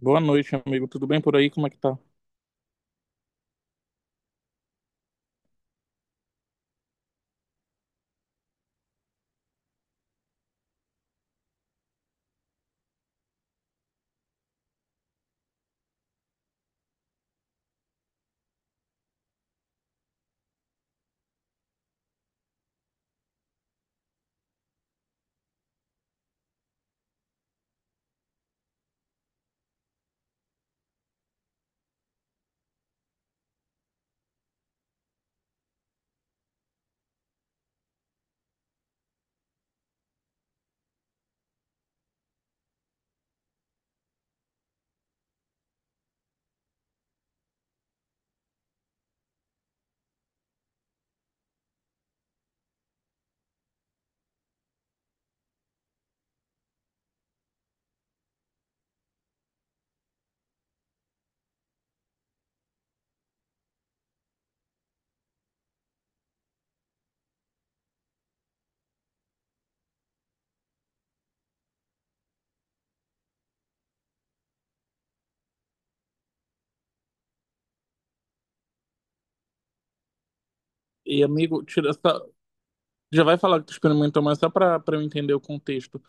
Boa noite, amigo. Tudo bem por aí? Como é que tá? E, amigo, tira essa... Já vai falar que tu experimentou, mas só pra eu entender o contexto.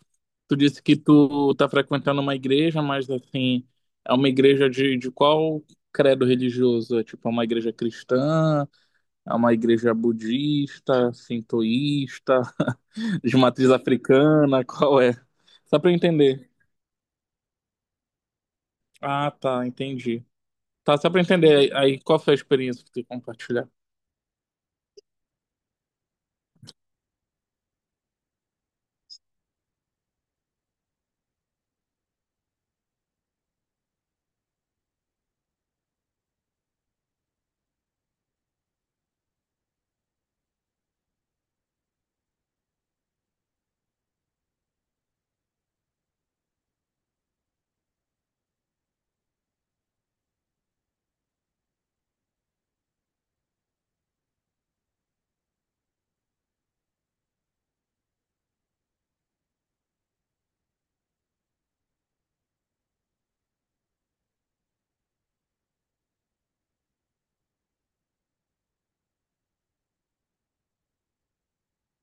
Tu disse que tu tá frequentando uma igreja, mas assim, é uma igreja de qual credo religioso? É tipo, é uma igreja cristã? É uma igreja budista? Sintoísta? De uma atriz africana, qual é? Só pra eu entender. Ah, tá, entendi. Tá, só pra eu entender aí, qual foi a experiência que você compartilhar.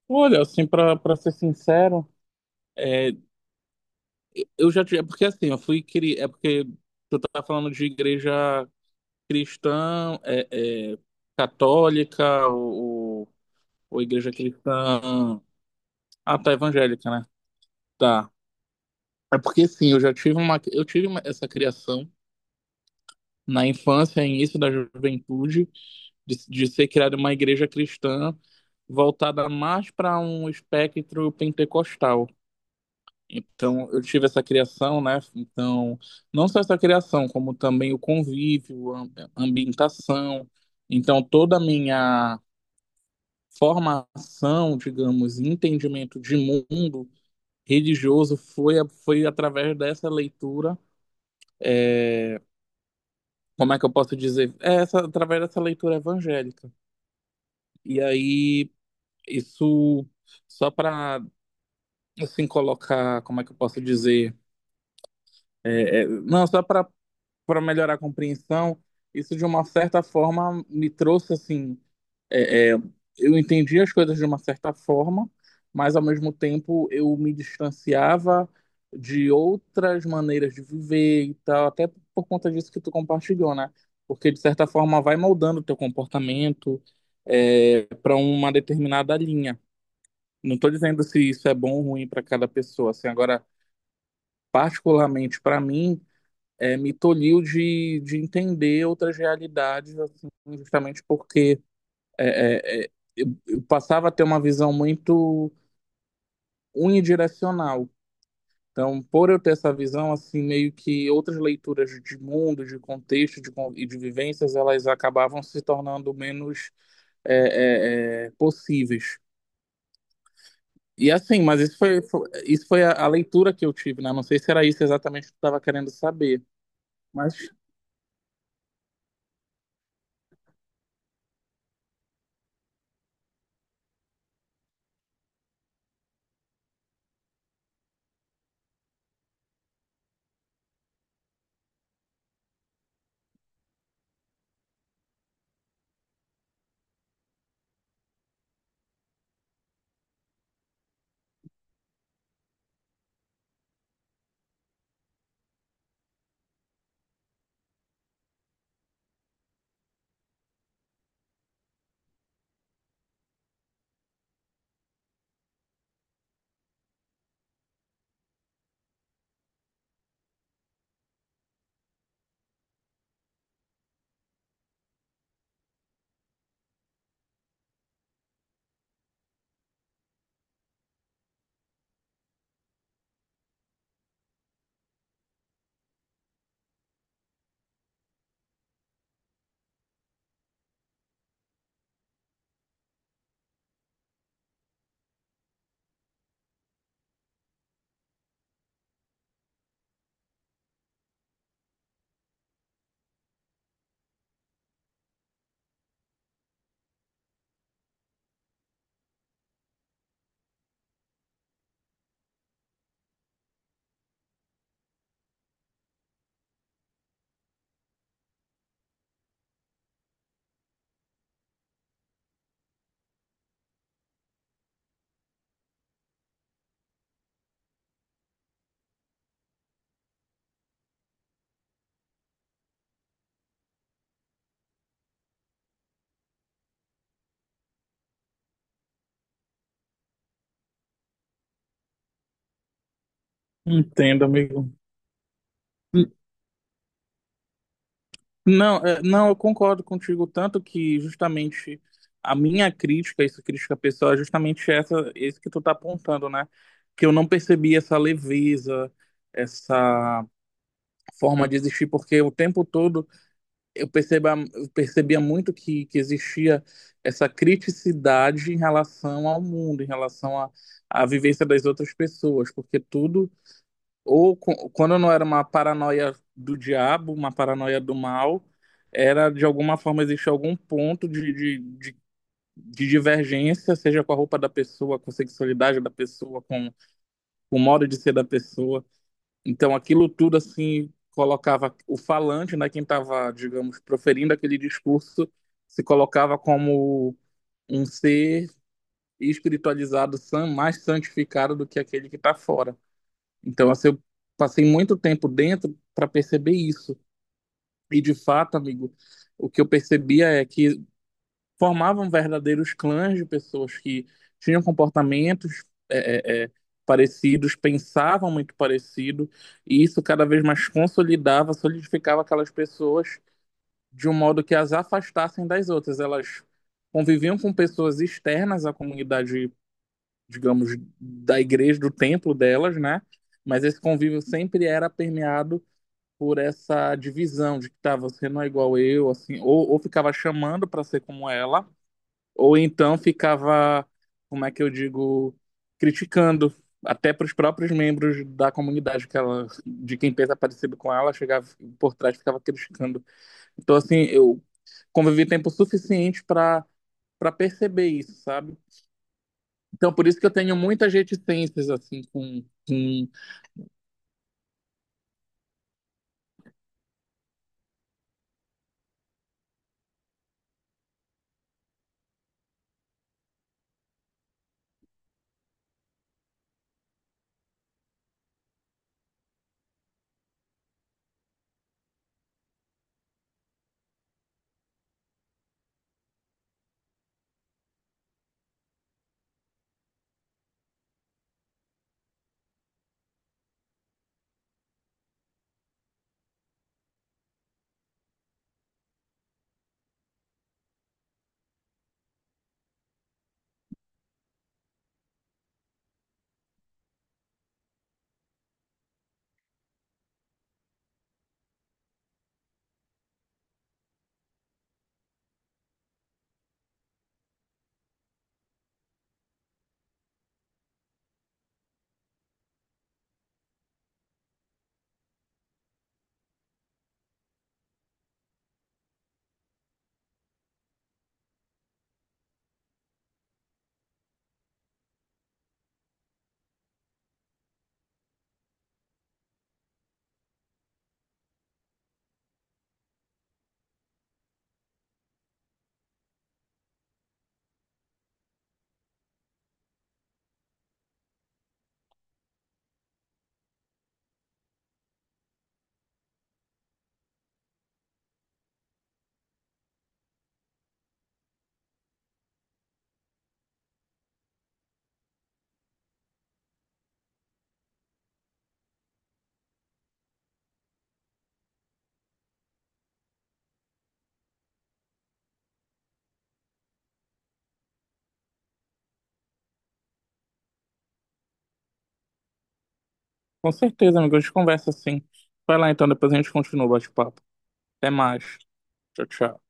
Olha, assim, pra ser sincero, é, eu já tive. É porque assim, eu fui criar. É porque tu tá falando de igreja cristã, católica, ou igreja cristã. Ah, tá, evangélica, né? Tá. É porque sim, eu já tive uma. Essa criação na infância, início da juventude, de ser criada uma igreja cristã voltada mais para um espectro pentecostal. Então, eu tive essa criação, né? Então, não só essa criação, como também o convívio, a ambientação. Então, toda a minha formação, digamos, entendimento de mundo religioso foi, foi através dessa leitura. Como é que eu posso dizer? É essa, através dessa leitura evangélica. E aí, isso só para assim colocar, como é que eu posso dizer? É, é, não, só para melhorar a compreensão, isso de uma certa forma me trouxe assim, é, é, eu entendi as coisas de uma certa forma, mas ao mesmo tempo eu me distanciava de outras maneiras de viver e tal, até por conta disso que tu compartilhou, né? Porque de certa forma vai moldando o teu comportamento para uma determinada linha. Não estou dizendo se isso é bom ou ruim para cada pessoa. Assim, agora, particularmente para mim, me tolhiu de entender outras realidades, assim, justamente porque eu passava a ter uma visão muito unidirecional. Então, por eu ter essa visão, assim, meio que outras leituras de mundo, de contexto de, con- e de vivências, elas acabavam se tornando menos possíveis. E assim, mas isso foi a leitura que eu tive, né? Não sei se era isso exatamente que eu estava querendo saber, mas entendo, amigo. N- Não, eu concordo contigo, tanto que justamente a minha crítica, isso crítica pessoal, é justamente essa, esse que tu tá apontando, né? Que eu não percebi essa leveza, essa forma de existir, porque o tempo todo eu percebia muito que existia essa criticidade em relação ao mundo, em relação à, à vivência das outras pessoas, porque tudo, quando não era uma paranoia do diabo, uma paranoia do mal, era de alguma forma existia algum ponto de divergência, seja com a roupa da pessoa, com a sexualidade da pessoa, com o modo de ser da pessoa. Então, aquilo tudo, assim, colocava o falante, né, quem estava, digamos, proferindo aquele discurso, se colocava como um ser espiritualizado, mais santificado do que aquele que está fora. Então, assim, eu passei muito tempo dentro para perceber isso. E, de fato, amigo, o que eu percebia é que formavam verdadeiros clãs de pessoas que tinham comportamentos parecidos, pensavam muito parecido, e isso cada vez mais consolidava, solidificava aquelas pessoas de um modo que as afastassem das outras. Elas conviviam com pessoas externas à comunidade, digamos, da igreja, do templo delas, né? Mas esse convívio sempre era permeado por essa divisão de que tá, você não é igual eu, assim, ou ficava chamando para ser como ela, ou então ficava, como é que eu digo, criticando até para os próprios membros da comunidade que ela, de quem pensa parecido com ela, chegava por trás e ficava criticando. Então, assim, eu convivi tempo suficiente para perceber isso, sabe? Então, por isso que eu tenho muitas reticências, assim, com certeza, amigo, a gente conversa assim. Vai lá, então, depois a gente continua o bate-papo. Até mais. Tchau, tchau.